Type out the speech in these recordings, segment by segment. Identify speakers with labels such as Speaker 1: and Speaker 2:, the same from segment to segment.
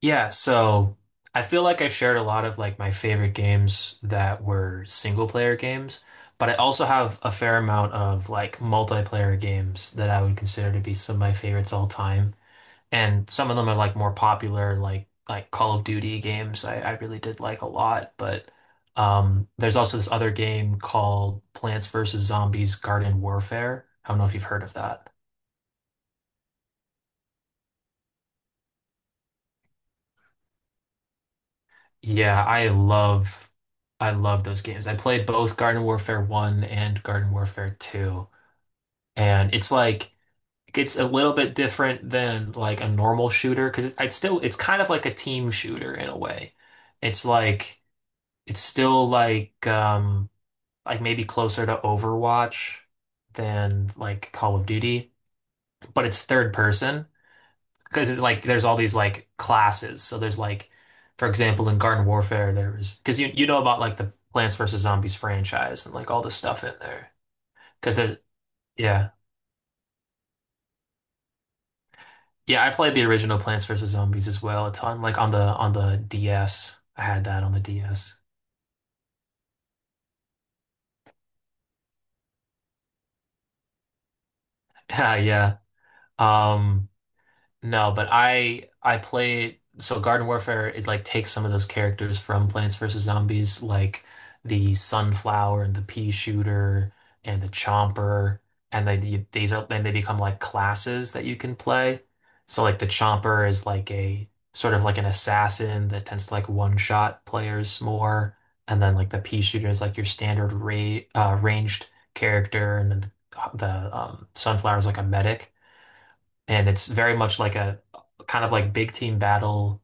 Speaker 1: Yeah, so I feel like I've shared a lot of like my favorite games that were single player games, but I also have a fair amount of like multiplayer games that I would consider to be some of my favorites all time. And some of them are like more popular, like Call of Duty games, I really did like a lot. But there's also this other game called Plants vs. Zombies Garden Warfare. I don't know if you've heard of that. Yeah, I love those games. I played both Garden Warfare 1 and Garden Warfare 2. And it's like, it's a little bit different than like a normal shooter because it, it's still it's kind of like a team shooter in a way. It's like it's still like Like maybe closer to Overwatch than like Call of Duty, but it's third person because it's like there's all these like classes. So there's like, for example, in Garden Warfare, there was because you know about like the Plants vs Zombies franchise and like all the stuff in there. Because there's Yeah, yeah, I played the original Plants vs Zombies as well a ton, like on the DS. I had that on the DS. Yeah, yeah. um. No, but I played, so Garden Warfare is like, takes some of those characters from Plants vs. Zombies, like the Sunflower and the Pea Shooter and the Chomper, and they you- these are then they become like classes that you can play. So like the Chomper is like a sort of like an assassin that tends to like one-shot players more, and then like the Pea Shooter is like your standard ra ranged character, and then the, the Sunflower is like a medic, and it's very much like a kind of like big team battle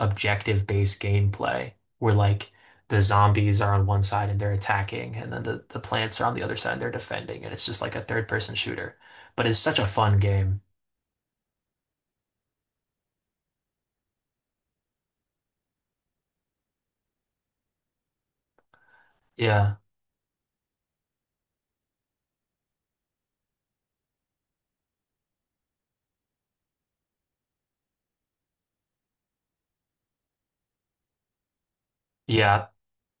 Speaker 1: objective based gameplay where like the zombies are on one side and they're attacking, and then the plants are on the other side and they're defending, and it's just like a third person shooter, but it's such a fun game. Yeah, yeah,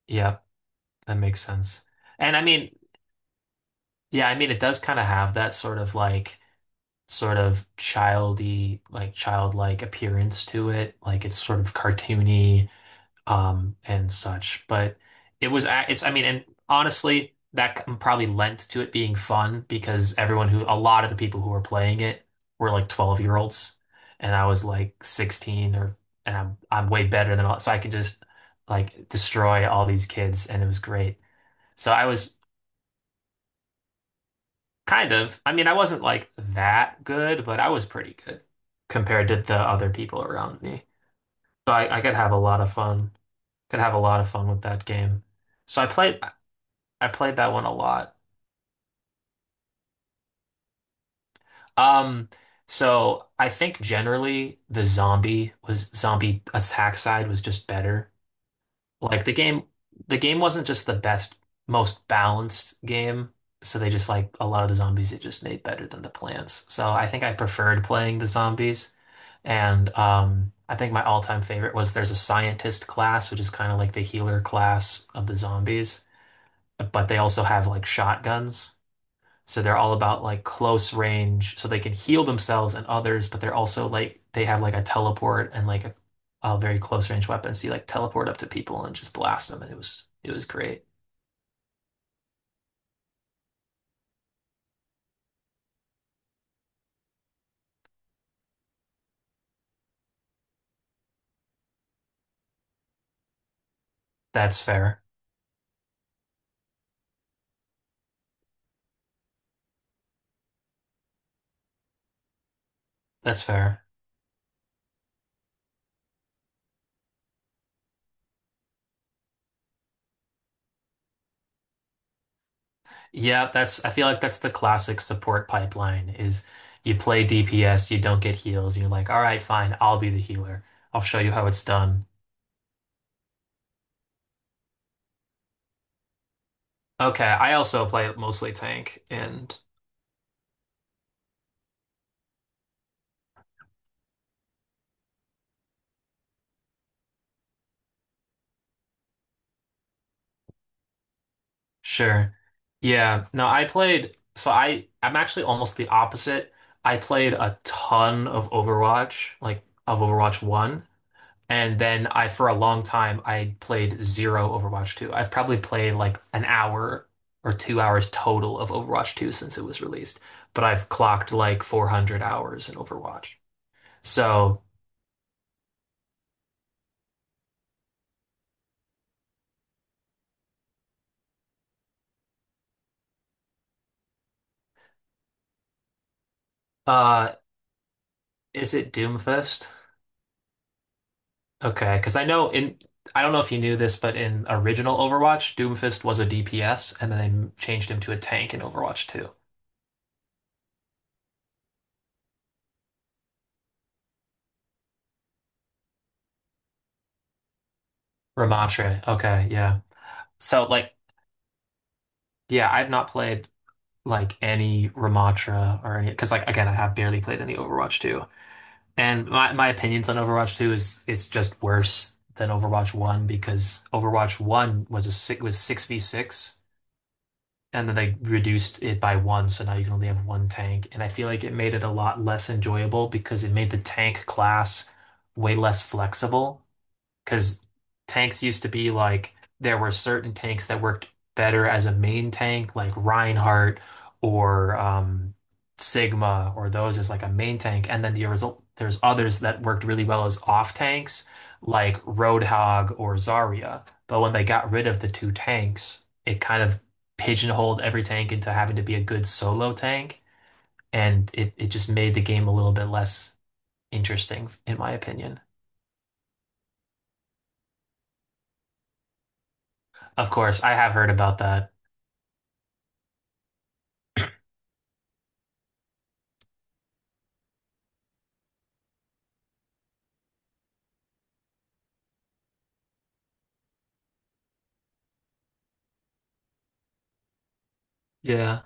Speaker 1: yeah, that makes sense. And I mean, yeah, I mean, it does kind of have that sort of like, sort of childy like childlike appearance to it, like it's sort of cartoony, and such. But it was, it's, I mean, and honestly, probably lent to it being fun because a lot of the people who were playing it were like 12-year-olds, and I was like 16 and I'm way better than all, so I could just like destroy all these kids, and it was great. So I was kind of, I mean, I wasn't like that good, but I was pretty good compared to the other people around me. So I could have a lot of fun, with that game. So I played. I played that one a lot. Um, so I think generally the zombie attack side was just better. Like the game wasn't just the best, most balanced game. So they just, like, a lot of the zombies they just made better than the plants. So I think I preferred playing the zombies. And I think my all-time favorite was there's a scientist class, which is kind of like the healer class of the zombies, but they also have like shotguns. So they're all about like close range, so they can heal themselves and others, but they're also like they have like a teleport and like a very close range weapon. So you like teleport up to people and just blast them, and it was great. That's fair. That's fair. Yeah, that's I feel like that's the classic support pipeline is you play DPS, you don't get heals, and you're like, all right, fine, I'll be the healer. I'll show you how it's done. Okay, I also play mostly tank and Sure. Yeah. No, I'm actually almost the opposite. I played a ton of Overwatch, like of Overwatch 1, and then I for a long time I played zero Overwatch 2. I've probably played like an hour or 2 hours total of Overwatch 2 since it was released, but I've clocked like 400 hours in Overwatch. So, uh, is it Doomfist? Okay, because I don't know if you knew this, but in original Overwatch, Doomfist was a DPS, and then they changed him to a tank in Overwatch 2. Ramatra. Okay, yeah. So like, yeah, I've not played like any Ramatra or any because like again, I have barely played any Overwatch 2. And my opinions on Overwatch 2 is it's just worse than Overwatch 1 because Overwatch 1 was a six was 6v6 and then they reduced it by one, so now you can only have one tank. And I feel like it made it a lot less enjoyable because it made the tank class way less flexible. Because tanks used to be like there were certain tanks that worked better as a main tank, like Reinhardt or Sigma, or those as like a main tank. And then there's others that worked really well as off tanks, like Roadhog or Zarya. But when they got rid of the two tanks, it kind of pigeonholed every tank into having to be a good solo tank. And it just made the game a little bit less interesting, in my opinion. Of course, I have heard about that. Yeah.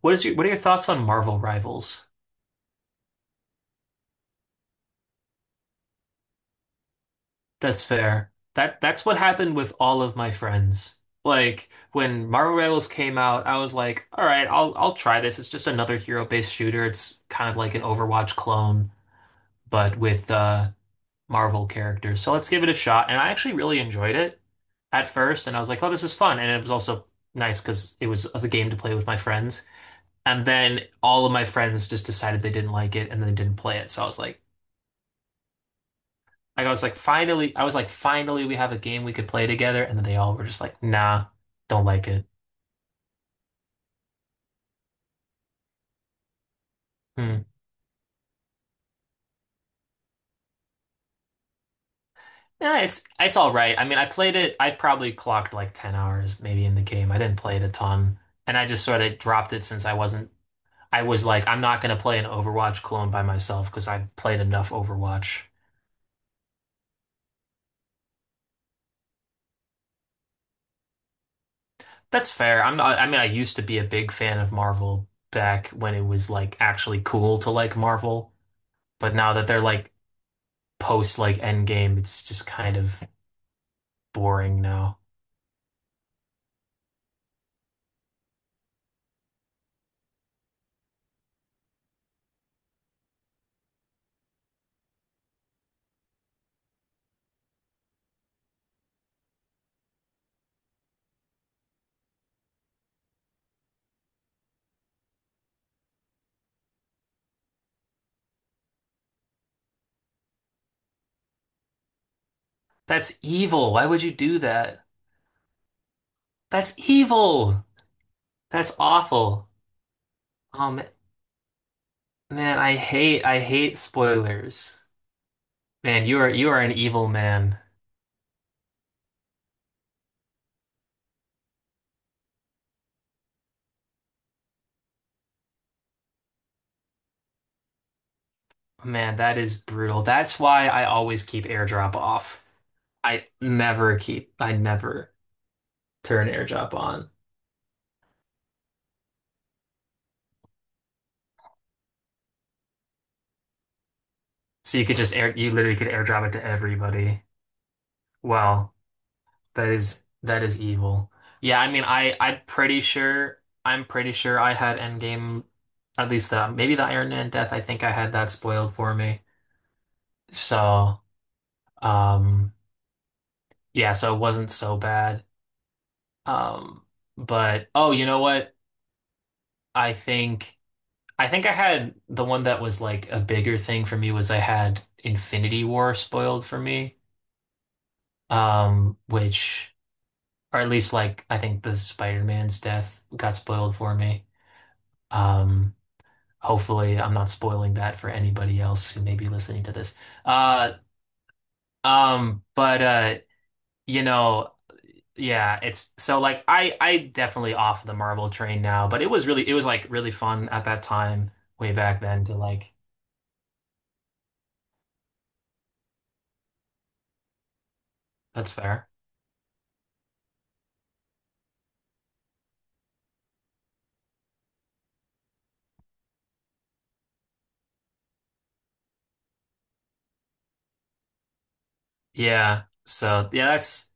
Speaker 1: What are your thoughts on Marvel Rivals? That's fair. That's what happened with all of my friends. Like when Marvel Rivals came out, I was like, all right, I'll try this. It's just another hero-based shooter. It's kind of like an Overwatch clone, but with Marvel characters. So let's give it a shot. And I actually really enjoyed it at first, and I was like, oh, this is fun. And it was also nice because it was the game to play with my friends. And then all of my friends just decided they didn't like it and then didn't play it. So I was like I was like, finally, we have a game we could play together. And then they all were just like, nah, don't like it. Hmm. Yeah, it's all right. I mean, I played it. I probably clocked like 10 hours maybe in the game. I didn't play it a ton. And I just sort of dropped it since I wasn't, I was like, I'm not going to play an Overwatch clone by myself because I played enough Overwatch. That's fair. I'm not, I mean, I used to be a big fan of Marvel back when it was like actually cool to like Marvel. But now that they're like post like Endgame, it's just kind of boring now. That's evil. Why would you do that? That's evil. That's awful. Um, Man, I hate spoilers. Man, you are an evil man. Man, that is brutal. That's why I always keep AirDrop off. I never turn AirDrop on. So you could just air you literally could AirDrop it to everybody. Wow. That is evil. Yeah, I mean, I'm pretty sure I had Endgame, at least the maybe the Iron Man death. I think I had that spoiled for me. So, um, yeah, so it wasn't so bad. Um, but oh, you know what? I think I think I had the one that was like a bigger thing for me was I had Infinity War spoiled for me. Which, or at least like I think the Spider-Man's death got spoiled for me. Um. Hopefully, I'm not spoiling that for anybody else who may be listening to this. Uh, but you know, yeah, it's so like I definitely off the Marvel train now, but it was like really fun at that time, way back then to like that's fair. Yeah. So yeah, that's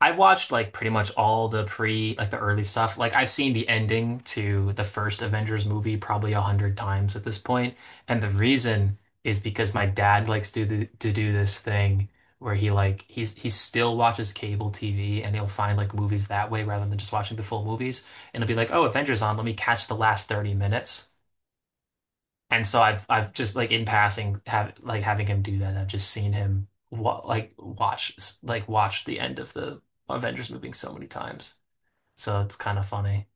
Speaker 1: I've watched like pretty much all the early stuff. Like I've seen the ending to the first Avengers movie probably 100 times at this point. And the reason is because my dad likes to do this thing where he like he's he still watches cable TV and he'll find like movies that way rather than just watching the full movies. And he'll be like, "Oh, Avengers on, let me catch the last 30 minutes." And so I've just like in passing have like having him do that. I've just seen him wa like watch the end of the Avengers movie so many times. So it's kind of funny.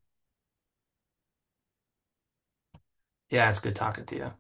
Speaker 1: Yeah, it's good talking to you.